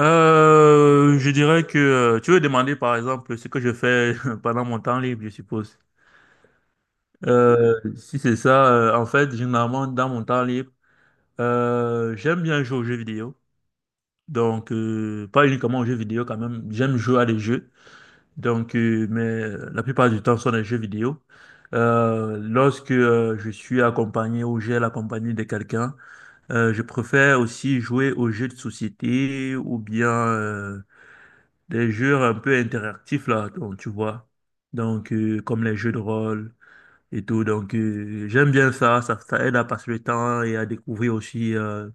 Je dirais que tu veux demander par exemple ce que je fais pendant mon temps libre, je suppose. Si c'est ça, en fait, généralement dans mon temps libre, j'aime bien jouer aux jeux vidéo. Donc, pas uniquement aux jeux vidéo quand même, j'aime jouer à des jeux. Donc, mais la plupart du temps, ce sont des jeux vidéo. Lorsque je suis accompagné ou j'ai la compagnie de quelqu'un, je préfère aussi jouer aux jeux de société ou bien des jeux un peu interactifs là, donc tu vois. Donc comme les jeux de rôle et tout. Donc j'aime bien ça, ça aide à passer le temps et à découvrir aussi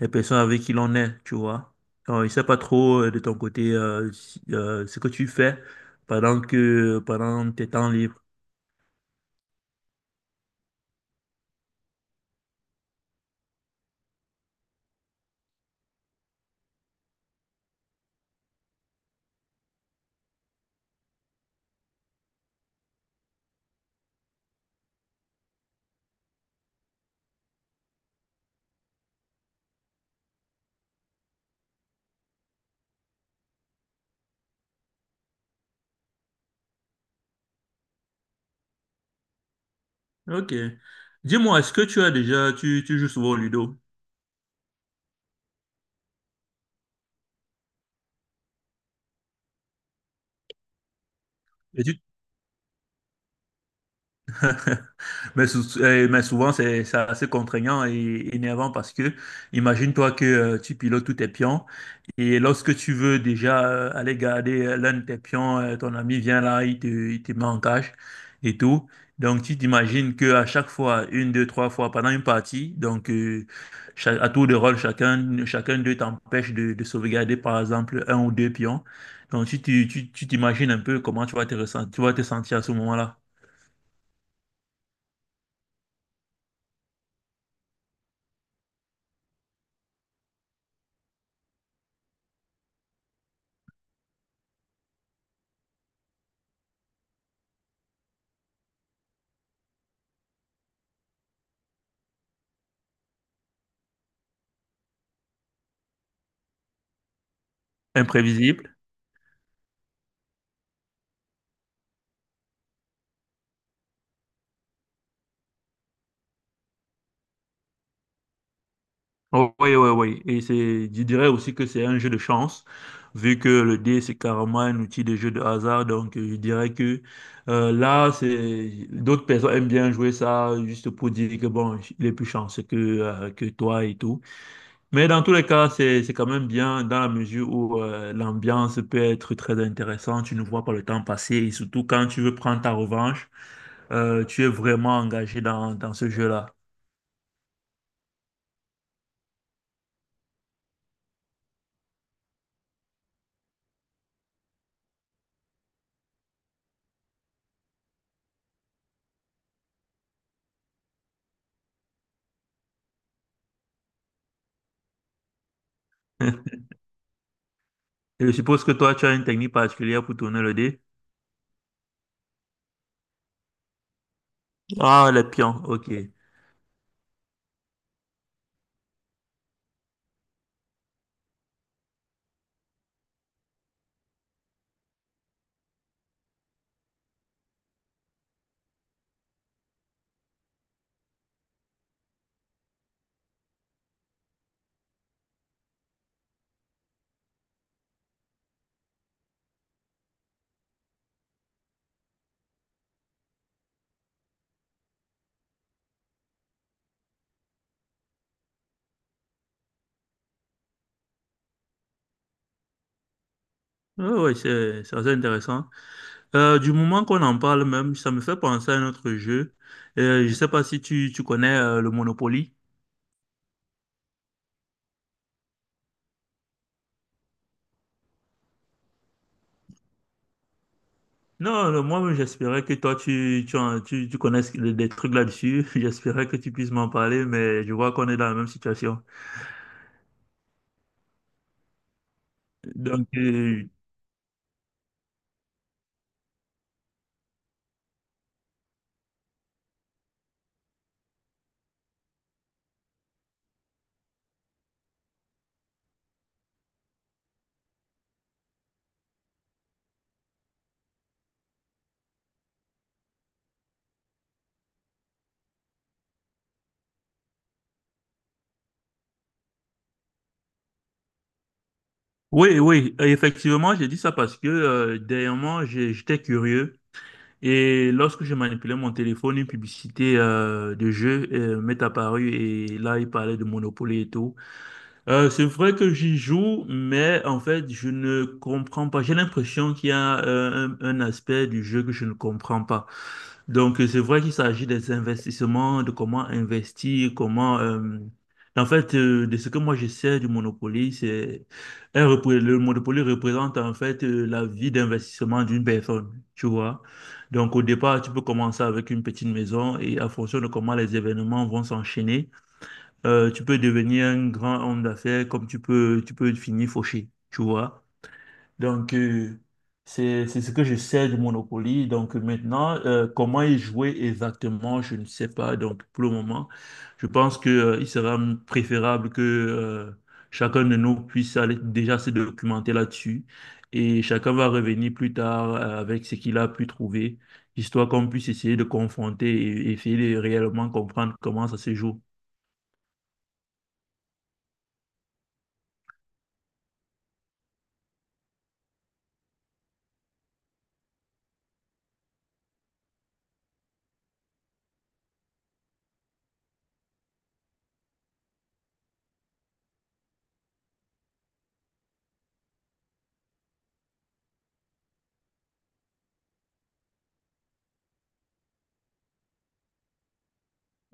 les personnes avec qui l'on est, tu vois. Donc, je sais pas trop de ton côté ce que tu fais pendant tes temps libres. Ok. Dis-moi, est-ce que tu as déjà tu joues souvent au Ludo? Et tu Mais souvent, c'est assez contraignant et énervant parce que imagine-toi que tu pilotes tous tes pions et lorsque tu veux déjà aller garder l'un de tes pions, ton ami vient là, il te met en cage et tout. Donc, tu t'imagines qu'à chaque fois, une, deux, trois fois pendant une partie, donc à tour de rôle, chacun d'eux t'empêche de sauvegarder par exemple un ou deux pions. Donc, tu t'imagines un peu comment tu vas te ressentir, tu vas te sentir à ce moment-là. Imprévisible. Oh, oui, oui, oui. Et c'est, je dirais aussi que c'est un jeu de chance, vu que le dé, c'est carrément un outil de jeu de hasard. Donc, je dirais que là, c'est d'autres personnes aiment bien jouer ça juste pour dire que, bon, il est plus chanceux que toi et tout. Mais dans tous les cas, c'est quand même bien dans la mesure où l'ambiance peut être très intéressante. Tu ne vois pas le temps passer et surtout quand tu veux prendre ta revanche, tu es vraiment engagé dans ce jeu-là. Et je suppose que toi, tu as une technique particulière pour tourner le dé. Ah, les pions, ok. Oui, c'est assez intéressant. Du moment qu'on en parle même, ça me fait penser à un autre jeu. Je ne sais pas si tu connais le Monopoly. Non, non, moi, j'espérais que toi, tu connaisses des trucs là-dessus. J'espérais que tu puisses m'en parler, mais je vois qu'on est dans la même situation. Donc, oui, oui, effectivement, j'ai dit ça parce que dernièrement, j'étais curieux. Et lorsque je manipulais mon téléphone, une publicité de jeu m'est apparue et là, il parlait de Monopoly et tout. C'est vrai que j'y joue, mais en fait, je ne comprends pas. J'ai l'impression qu'il y a un aspect du jeu que je ne comprends pas. Donc, c'est vrai qu'il s'agit des investissements, de comment investir, en fait, de ce que moi je sais du Monopoly, c'est. Le Monopoly représente en fait la vie d'investissement d'une personne, tu vois. Donc, au départ, tu peux commencer avec une petite maison et à fonction de comment les événements vont s'enchaîner, tu peux devenir un grand homme d'affaires comme tu peux finir fauché, tu vois. Donc, c'est ce que je sais du Monopoly. Donc, maintenant, comment y jouer exactement, je ne sais pas. Donc, pour le moment, je pense que, il sera préférable que, chacun de nous puisse aller déjà se documenter là-dessus. Et chacun va revenir plus tard avec ce qu'il a pu trouver, histoire qu'on puisse essayer de confronter et essayer de réellement comprendre comment ça se joue.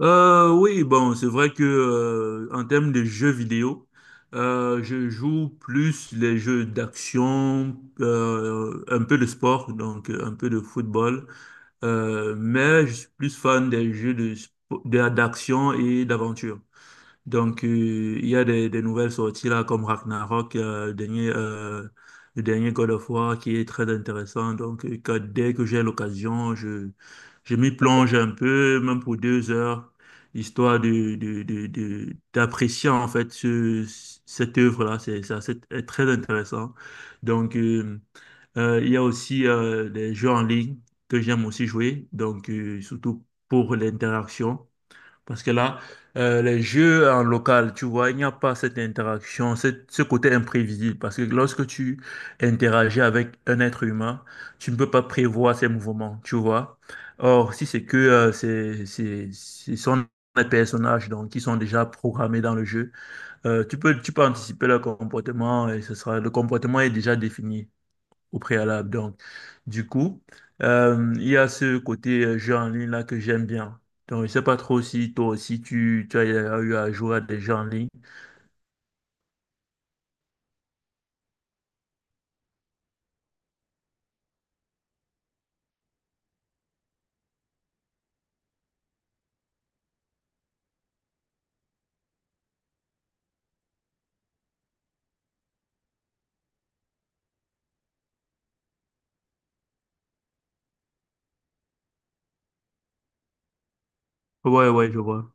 Oui, bon, c'est vrai que en termes de jeux vidéo, je joue plus les jeux d'action, un peu de sport, donc un peu de football, mais je suis plus fan des jeux d'action et d'aventure. Donc, il y a des nouvelles sorties là, comme Ragnarok, le dernier God of War qui est très intéressant. Donc, dès que j'ai l'occasion, je m'y plonge un peu, même pour 2 heures, histoire d'apprécier en fait cette œuvre-là. Est très intéressant. Donc, il y a aussi des jeux en ligne que j'aime aussi jouer, donc surtout pour l'interaction. Parce que là, les jeux en local, tu vois, il n'y a pas cette interaction, ce côté imprévisible. Parce que lorsque tu interagis avec un être humain, tu ne peux pas prévoir ses mouvements, tu vois. Or, si c'est que ce sont des personnages donc, qui sont déjà programmés dans le jeu, tu peux anticiper leur comportement et le comportement est déjà défini au préalable. Donc, du coup, il y a ce côté jeu en ligne là que j'aime bien. Donc, je sais pas trop si toi aussi tu as eu à jouer à des jeux en ligne. Ouais, ouais, je vois.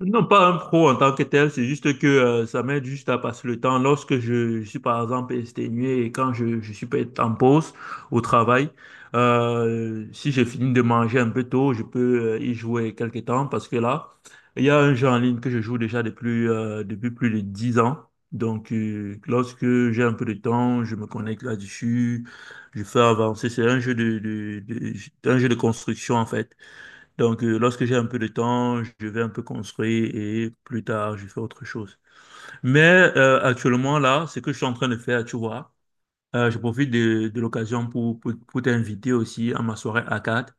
Non, pas un pro en tant que tel, c'est juste que ça m'aide juste à passer le temps. Lorsque je suis par exemple exténué et quand je suis peut-être en pause au travail, si j'ai fini de manger un peu tôt, je peux y jouer quelques temps parce que là, il y a un jeu en ligne que je joue déjà depuis plus de 10 ans. Donc, lorsque j'ai un peu de temps, je me connecte là-dessus, je fais avancer. C'est un jeu un jeu de construction en fait. Donc, lorsque j'ai un peu de temps, je vais un peu construire et plus tard, je fais autre chose. Mais actuellement, là, ce que je suis en train de faire, tu vois, je profite de l'occasion pour t'inviter aussi à ma soirée arcade.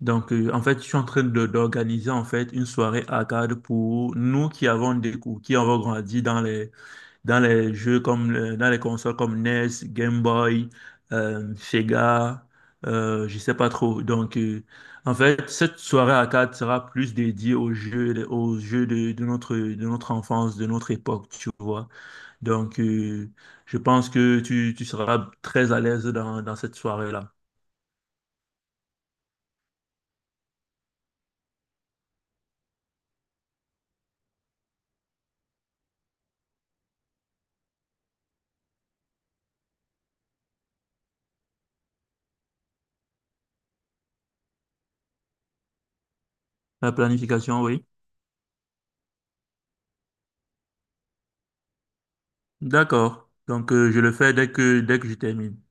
Donc, en fait, je suis en train d'organiser en fait une soirée arcade pour nous qui avons grandi dans les jeux dans les consoles comme NES, Game Boy, Sega, je sais pas trop. Donc, en fait, cette soirée arcade sera plus dédiée aux jeux de notre enfance, de notre époque, tu vois. Donc, je pense que tu seras très à l'aise dans cette soirée-là. La planification, oui. D'accord. Donc, je le fais dès que je termine.